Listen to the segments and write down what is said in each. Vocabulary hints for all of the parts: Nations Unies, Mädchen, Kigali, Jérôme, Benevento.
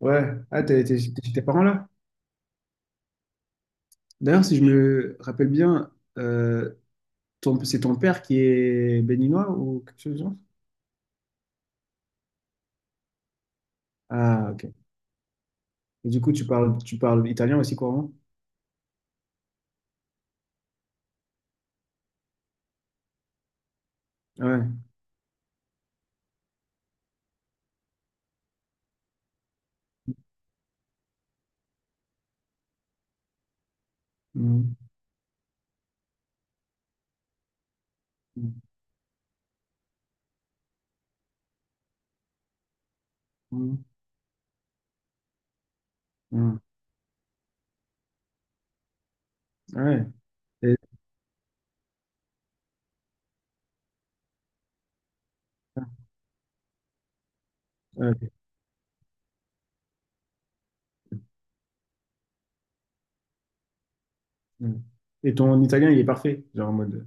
Ouais, ah, t'es chez tes parents là? D'ailleurs, si je me rappelle bien, euh, c'est ton père qui est béninois ou quelque chose du genre? Ah, ok. Et du coup, tu parles italien aussi couramment? Ah, ouais. Mhm. Mhm. Mhm. Ouais. Et, ouais, ok. Mhm. Et ton italien, il est parfait. Genre en mode.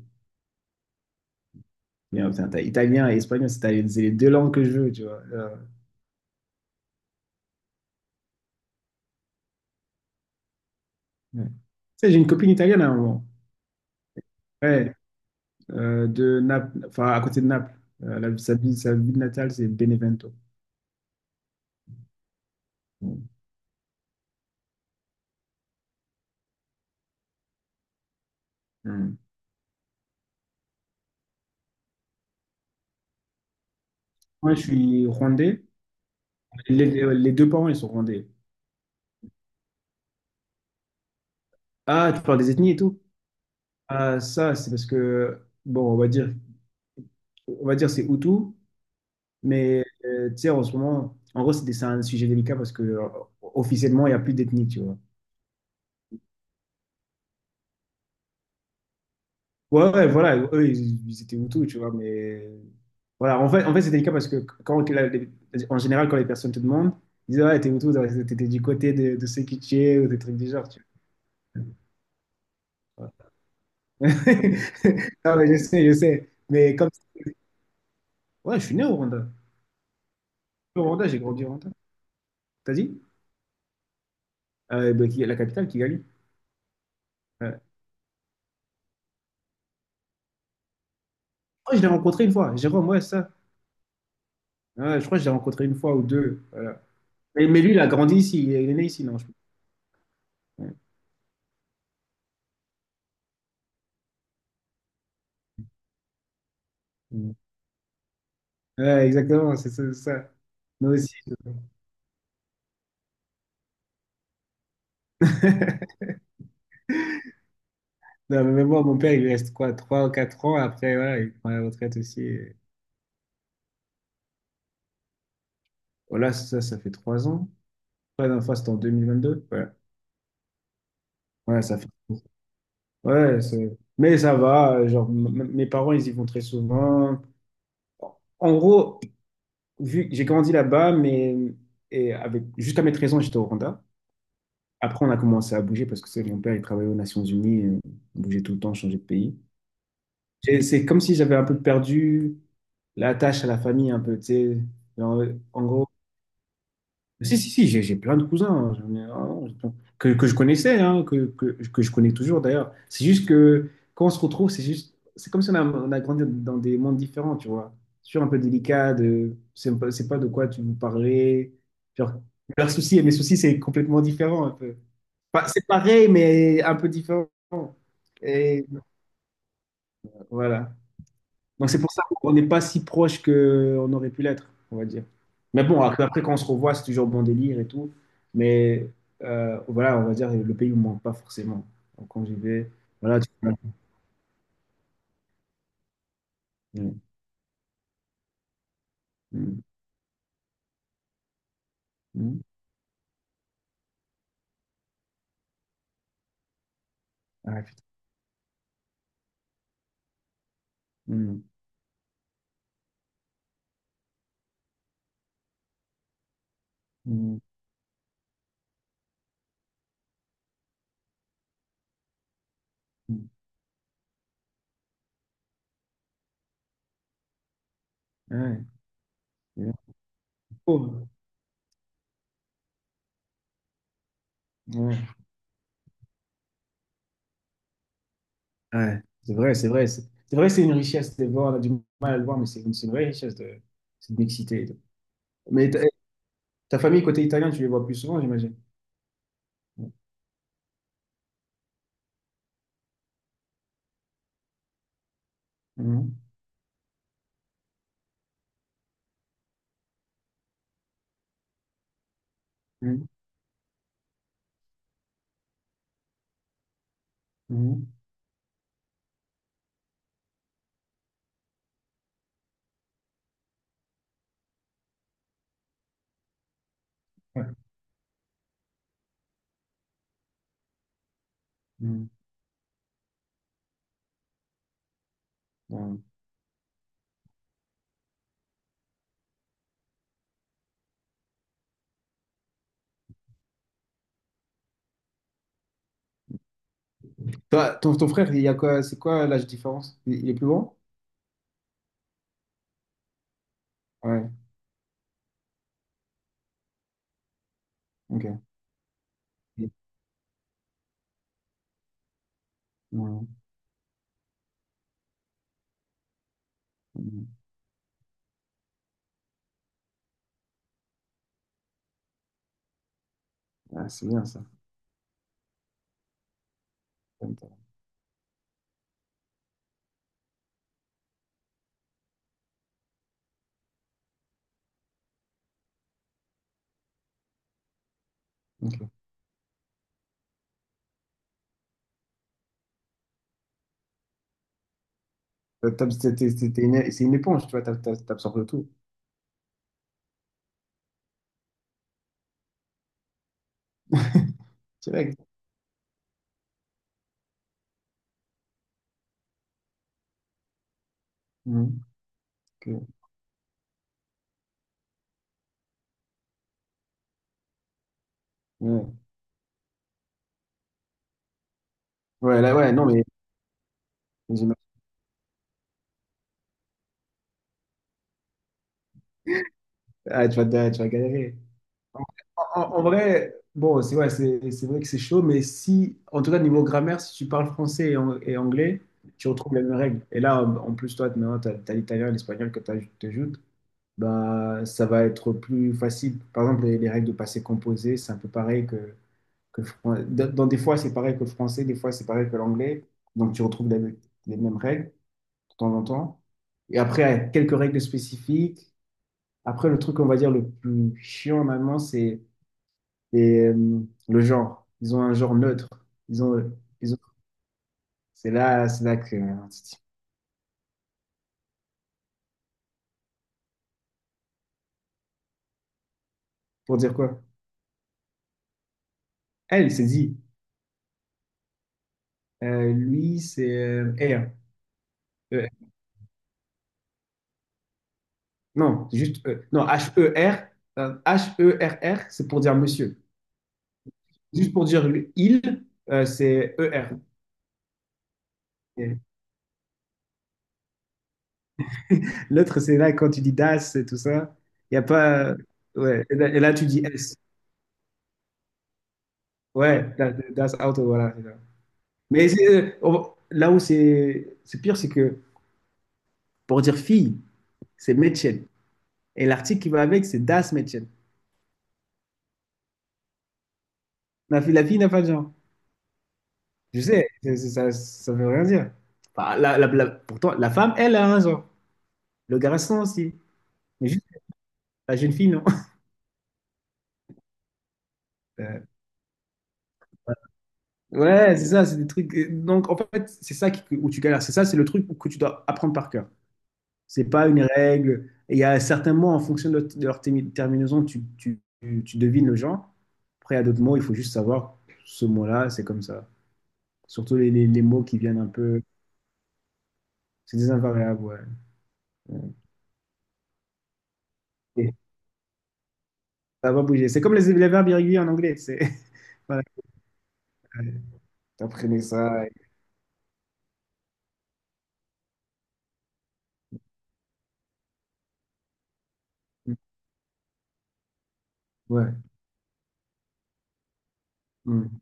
Bien, putain, t'as italien et espagnol, c'est les deux langues que je veux, tu vois. Ouais. Tu sais, j'ai une copine italienne à un moment. Ouais, de Naples, enfin à côté de Naples. Sa ville natale, c'est Benevento. Hmm. Moi, je suis rwandais. Les, les deux parents, ils sont rwandais. Ah, tu parles des ethnies et tout? Ah, ça, c'est parce que, bon, on va dire, c'est Hutu, mais tu sais, en ce moment, en gros, c'est un sujet délicat parce que officiellement, il n'y a plus d'ethnie, tu vois. Ouais, ouais, voilà, eux, ils étaient Hutus, tu vois, mais voilà, en fait, c'est délicat parce que quand, la- les- en général, quand les personnes te demandent, ils disent, ah, t'es Hutu, t'es du côté de ceux qui tuaient ou des trucs du genre, tu vois. Non, mais je sais, je sais. Mais comme... Ouais, je suis né au Rwanda. J'ai grandi au Rwanda. T'as dit? Ben, la capitale, Kigali. Ouais. Oh, je l'ai rencontré une fois. Jérôme, ouais, ça. Ouais, je crois que je l'ai rencontré une fois ou deux. Voilà. Mais lui, il a grandi ici. Il est né ici, non? Ouais, mm. Ouais, exactement, c'est ça. C'est ça. Nous aussi. Non, mais même moi, mon père, il lui reste quoi, 3 ou 4 ans. Après, voilà, il prend la retraite aussi. Voilà, ça fait 3 ans. La dernière fois, c'était en 2022. Ouais, ouais ça fait. Ouais, mais ça va. Genre, mes parents, ils y vont très souvent. En gros, vu que j'ai grandi là-bas, mais et avec jusqu'à mes 13 ans, j'étais au Rwanda. Après, on a commencé à bouger parce que c'est mon père, il travaillait aux Nations Unies, on bougeait tout le temps, changeait de pays. Et c'est comme si j'avais un peu perdu l'attache à la famille, un peu, tu sais. Genre, en gros, si, si, si, j'ai plein de cousins, hein, que, je connaissais, hein, que je connais toujours d'ailleurs. C'est juste que quand on se retrouve, c'est juste, c'est comme si on a grandi dans des mondes différents, tu vois. Sur un peu délicat, c'est pas de quoi tu veux parler. Genre, leurs soucis et mes soucis, c'est complètement différent un peu. C'est pareil, mais un peu différent. Et voilà. Donc c'est pour ça qu'on n'est pas si proche qu'on aurait pu l'être, on va dire. Mais bon, après, quand on se revoit, c'est toujours bon délire et tout. Mais voilà, on va dire, le pays ne manque pas forcément. Donc quand j'y vais, voilà. Mm, mm, mm. Ah, putain. Mm, mm, mm. Mm. Ah, ouais, c'est bien. Oh, ouais. Ouais, c'est vrai, c'est vrai. C'est vrai que c'est une richesse de voir, on a du mal à le voir, mais c'est une vraie richesse de, c'est de m'exciter. Et tout. Mais ta, famille côté italien, tu les vois plus souvent, j'imagine. Mhm, mhm, mhm. Ouais. Mhm. Ouais. Toi, ton frère, il y a quoi, c'est quoi l'âge différence? Il est plus grand? Ouais, ok. Ouais. Mhm. Ah, c'est bien ça. Ok. C'est une éponge, tu vois, t'absorbes tout. Direct. Mhm. Ok. Ouais. Ouais, là, ouais, non, mais j'imagine- ah, tu vas galérer. En vrai, bon, c'est ouais, c'est vrai que c'est chaud, mais si, en tout cas, niveau grammaire, si tu parles français et, et anglais, tu retrouves les mêmes règles. Et là, en plus, toi, maintenant, t'as l'italien et l'espagnol que tu ajoutes bah, ça va être plus facile. Par exemple, les règles de passé composé, c'est un peu pareil que, dans des fois, c'est pareil que le français, des fois, c'est pareil que l'anglais. Donc, tu retrouves les mêmes règles de temps en temps. Et après, il y a quelques règles spécifiques. Après, le truc, on va dire, le plus chiant en allemand, c'est les, euh, le genre. Ils ont un genre neutre. Ils ont, ils ont- c'est là, C'est là que, pour dire quoi? Elle, c'est dit. Lui, c'est er. Non, juste E. Non, H-E-R. H-E-R-R, c'est pour dire monsieur. Juste pour dire il, c'est E-R. Et l'autre, c'est là quand tu dis das et tout ça. Il n'y a pas. Ouais. Et là, tu dis S. Ouais, that's out. Voilà. C'est ça. Mais là où c'est pire, c'est que pour dire fille, c'est Mädchen. Et l'article qui va avec, c'est das Mädchen. La fille n'a pas de genre. Je sais, ça ne veut rien dire. Bah, pourtant, la femme, elle a un genre. Le garçon aussi. Mais juste la jeune fille, non? Euh, ouais, c'est ça, c'est des trucs. Donc, en fait, c'est ça où tu galères. C'est ça, c'est le truc que tu dois apprendre par cœur. C'est pas une règle. Et il y a certains mots, en fonction de leur terminaison, tu devines le genre. Après, il y a d'autres mots, il faut juste savoir ce mot-là, c'est comme ça. Surtout les mots qui viennent un peu. C'est des invariables, ouais. Euh, Et ça va bouger. C'est comme les verbes irréguliers en anglais. C'est. Voilà. T'apprenais ça. Ouais. Mm.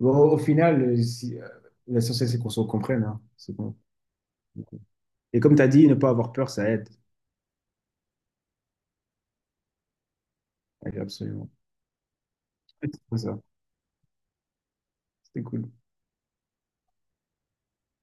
Bon, au final, si, l'essentiel, c'est qu'on se comprenne, hein. C'est bon. Et comme tu as dit, ne pas avoir peur, ça aide. Ouais, absolument. C'est ça. C'était cool.